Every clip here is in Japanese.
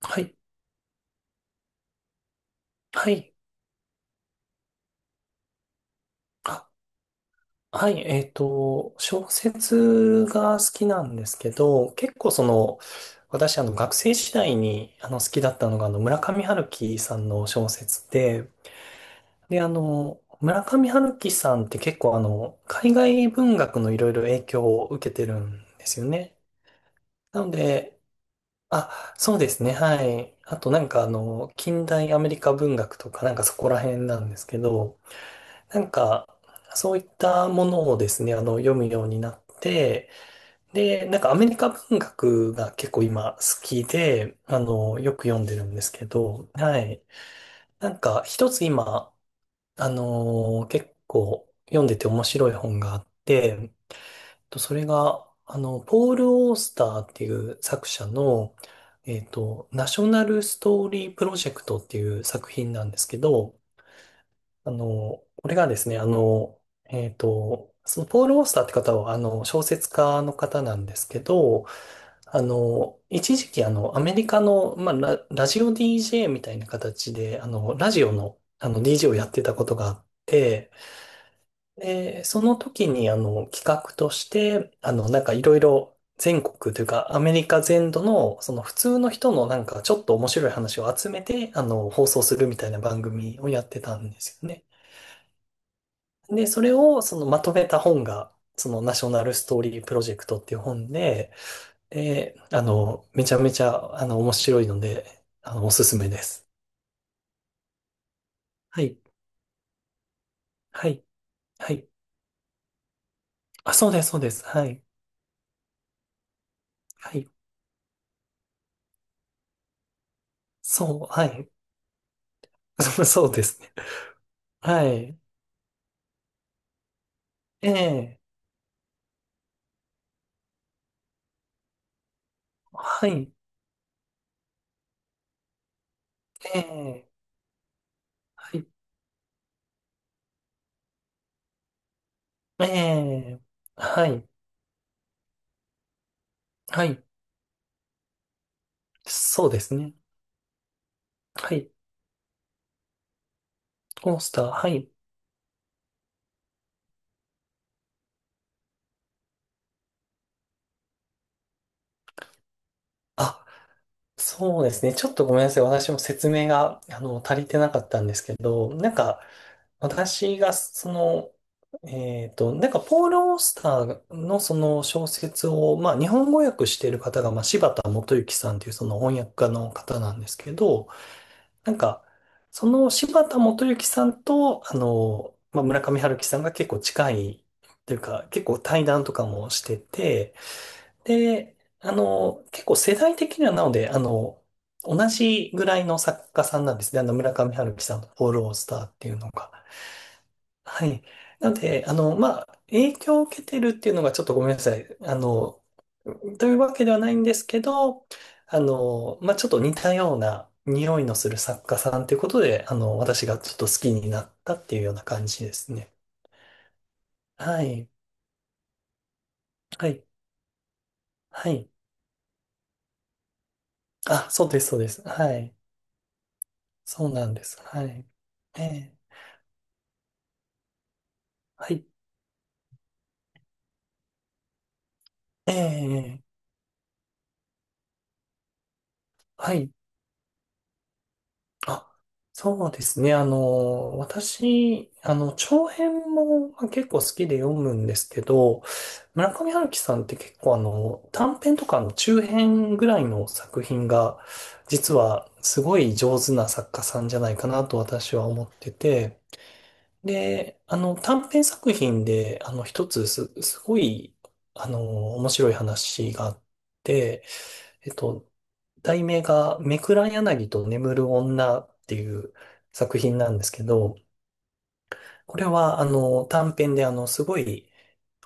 はい。はい。あ、はい。小説が好きなんですけど、結構私、学生時代に、好きだったのが、村上春樹さんの小説で、で、村上春樹さんって結構、海外文学のいろいろ影響を受けてるんですよね。なので、あ、そうですね。はい。あと、なんか、近代アメリカ文学とか、なんかそこら辺なんですけど、なんか、そういったものをですね、読むようになって、で、なんかアメリカ文学が結構今好きで、よく読んでるんですけど、はい。なんか、一つ今、結構読んでて面白い本があって、それが、ポール・オースターっていう作者の、ナショナルストーリープロジェクトっていう作品なんですけど、これがですね、そのポール・オースターって方は、小説家の方なんですけど、一時期、アメリカの、まあ、ラジオ DJ みたいな形で、ラジオの、DJ をやってたことがあって、で、その時に、企画として、なんかいろいろ全国というか、アメリカ全土の、その普通の人のなんかちょっと面白い話を集めて、放送するみたいな番組をやってたんですよね。で、それをそのまとめた本が、そのナショナルストーリープロジェクトっていう本で、で、めちゃめちゃ、面白いので、おすすめです。はい。はい。はい。あ、そうです、そうです。はい。はい。そう、はい。そうですね。はい。ええ、はい。ええ、はい。ええ、はい。はい。そうですね。はい。コースター、はい。あ、そうですね。ちょっとごめんなさい。私も説明が、足りてなかったんですけど、なんか、私が、なんか、ポール・オースターのその小説を、まあ、日本語訳している方が、まあ、柴田元幸さんというその翻訳家の方なんですけど、なんか、その柴田元幸さんと、まあ、村上春樹さんが結構近いというか、結構対談とかもしてて、で、結構世代的にはなので、同じぐらいの作家さんなんですね。村上春樹さんのフォロースターっていうのが。はい。なので、まあ、影響を受けてるっていうのがちょっとごめんなさい。というわけではないんですけど、まあ、ちょっと似たような匂いのする作家さんということで、私がちょっと好きになったっていうような感じですね。はい。はい。はい。あ、そうです、そうです。はい。そうなんです。はい。ええ、はい。ええ、はい。あ、そうですね。私、長編もまあ結構好きで読むんですけど、村上春樹さんって結構短編とかの中編ぐらいの作品が、実はすごい上手な作家さんじゃないかなと私は思ってて、で、短編作品で、一つすごい、面白い話があって、えっと、題名が、めくら柳と眠る女っていう作品なんですけど、これは、短編で、すごい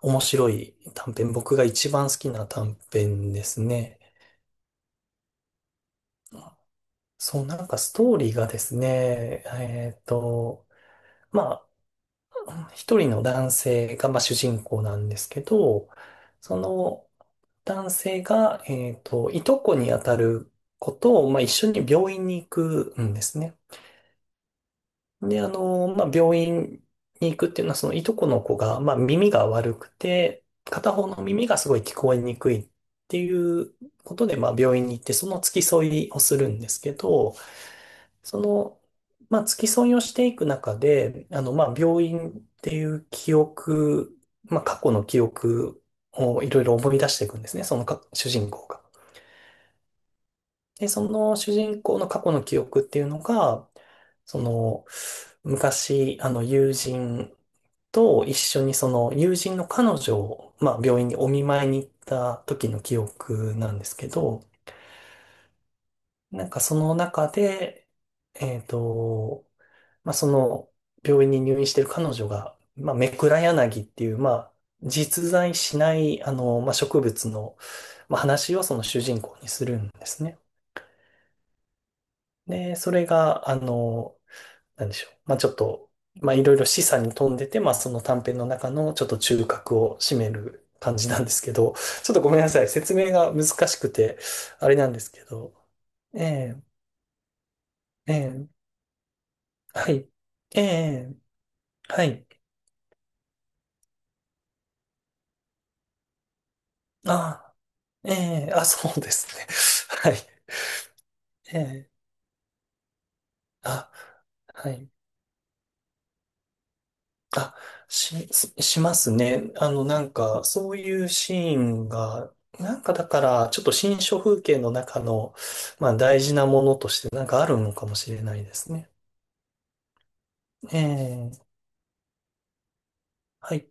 面白い短編、僕が一番好きな短編ですね。そう、なんかストーリーがですね、まあ、一人の男性が、まあ、主人公なんですけど、その男性が、いとこにあたる子と、まあ、一緒に病院に行くんですね。で、まあ、病院に行くっていうのは、そのいとこの子が、まあ、耳が悪くて、片方の耳がすごい聞こえにくいっていうことで、まあ、病院に行って、その付き添いをするんですけど、その、まあ、付き添いをしていく中で、まあ、病院っていう記憶、まあ、過去の記憶をいろいろ思い出していくんですね、そのか主人公が。で、その主人公の過去の記憶っていうのが、その、昔、友人と一緒にその友人の彼女を、まあ、病院にお見舞いに行った時の記憶なんですけど、なんかその中で、えっと、まあ、その病院に入院してる彼女が、まあ、メクラヤナギっていう、まあ、実在しない、まあ、植物の、まあ、話をその主人公にするんですね。で、それが、なんでしょう。まあちょっと、まあいろいろ示唆に富んでて、まあその短編の中のちょっと中核を占める感じなんですけど、ちょっとごめんなさい。説明が難しくて、あれなんですけど。ええ、ええ、はい。ええ、はい。ああ、ええ、あ、そうですね。はい。ええ、あ、はい。あ、ししますね。なんか、そういうシーンが、なんかだから、ちょっと新書風景の中の、まあ、大事なものとして、なんかあるのかもしれないですね。ええ、はい。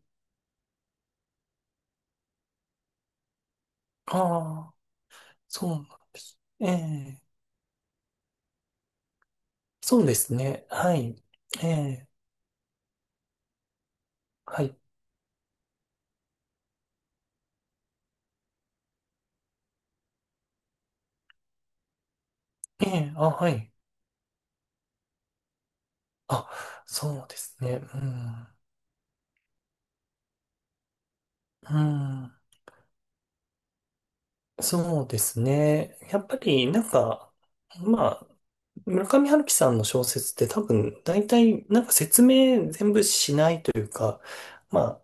ああ、そうなんです。ええ、そうですね。はい。ええ、はい。ええ、あ、はい。あ、そうですね。うん。うん。そうですね。やっぱり、なんか、まあ、村上春樹さんの小説って多分、大体、なんか説明全部しないというか、まあ、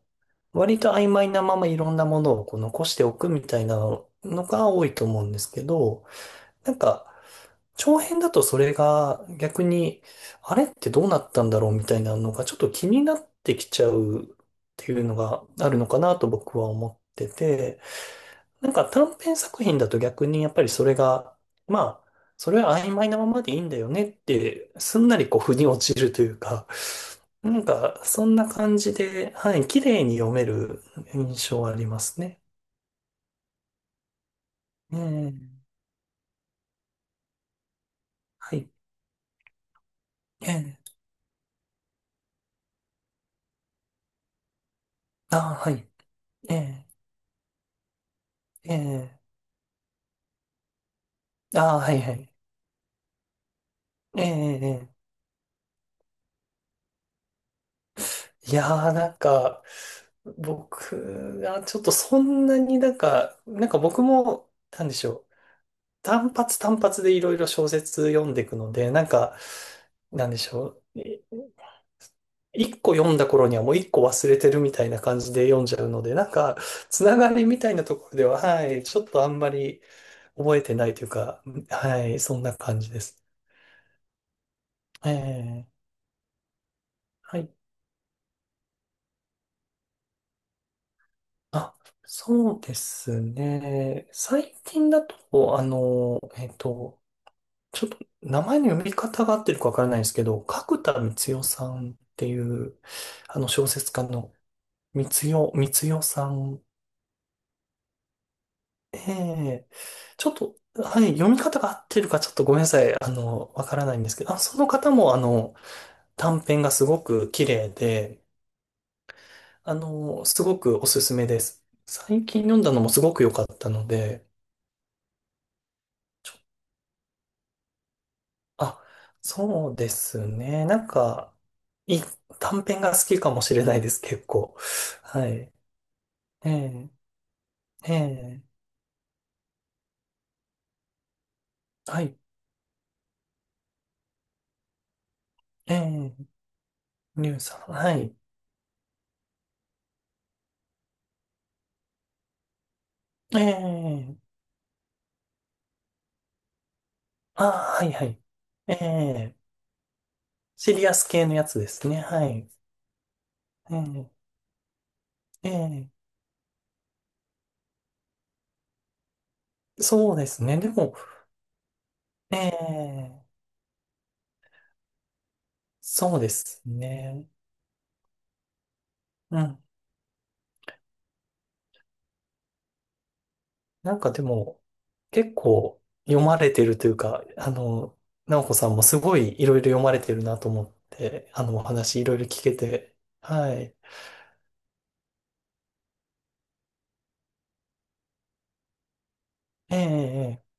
割と曖昧なままいろんなものをこう残しておくみたいなのが多いと思うんですけど、なんか、長編だとそれが逆に、あれってどうなったんだろうみたいなのがちょっと気になってきちゃうっていうのがあるのかなと僕は思ってて、なんか短編作品だと逆にやっぱりそれが、まあ、それは曖昧なままでいいんだよねって、すんなりこう腑に落ちるというか、なんかそんな感じで、はい、綺麗に読める印象はありますね。ええ、はい、ええ、ああ、はい、ええ、ええ、ああ、はい、はい、ええ、ええ、いやー、なんか、僕がちょっとそんなになんか、なんか僕も、なんでしょう。単発単発でいろいろ小説読んでいくので、なんか、なんでしょう。一個読んだ頃にはもう一個忘れてるみたいな感じで読んじゃうので、なんか、つながりみたいなところでは、はい、ちょっとあんまり覚えてないというか、はい、そんな感じです。ええ、はい。あ、そうですね。最近だと、ちょっと名前の読み方が合ってるかわからないんですけど、角田光代さんっていう、あの小説家のみつよ、みつよさん。ええ、ちょっと、はい、読み方が合ってるかちょっとごめんなさい。わからないんですけど、あ、その方も、短編がすごく綺麗で、すごくおすすめです。最近読んだのもすごく良かったので、あ、そうですね。なんか、いい、短編が好きかもしれないです、結構。はい。ええ、ええ、はい。ええ、りゅうさん。はい。ええ、ああ、はいはい。ええ、シリアス系のやつですね。はい。ええ、ええ、そうですね。でも、ええ、そうですね。うん。なんかでも、結構読まれてるというか、直子さんもすごいいろいろ読まれてるなと思って、お話いろいろ聞けて、はい。ええ、え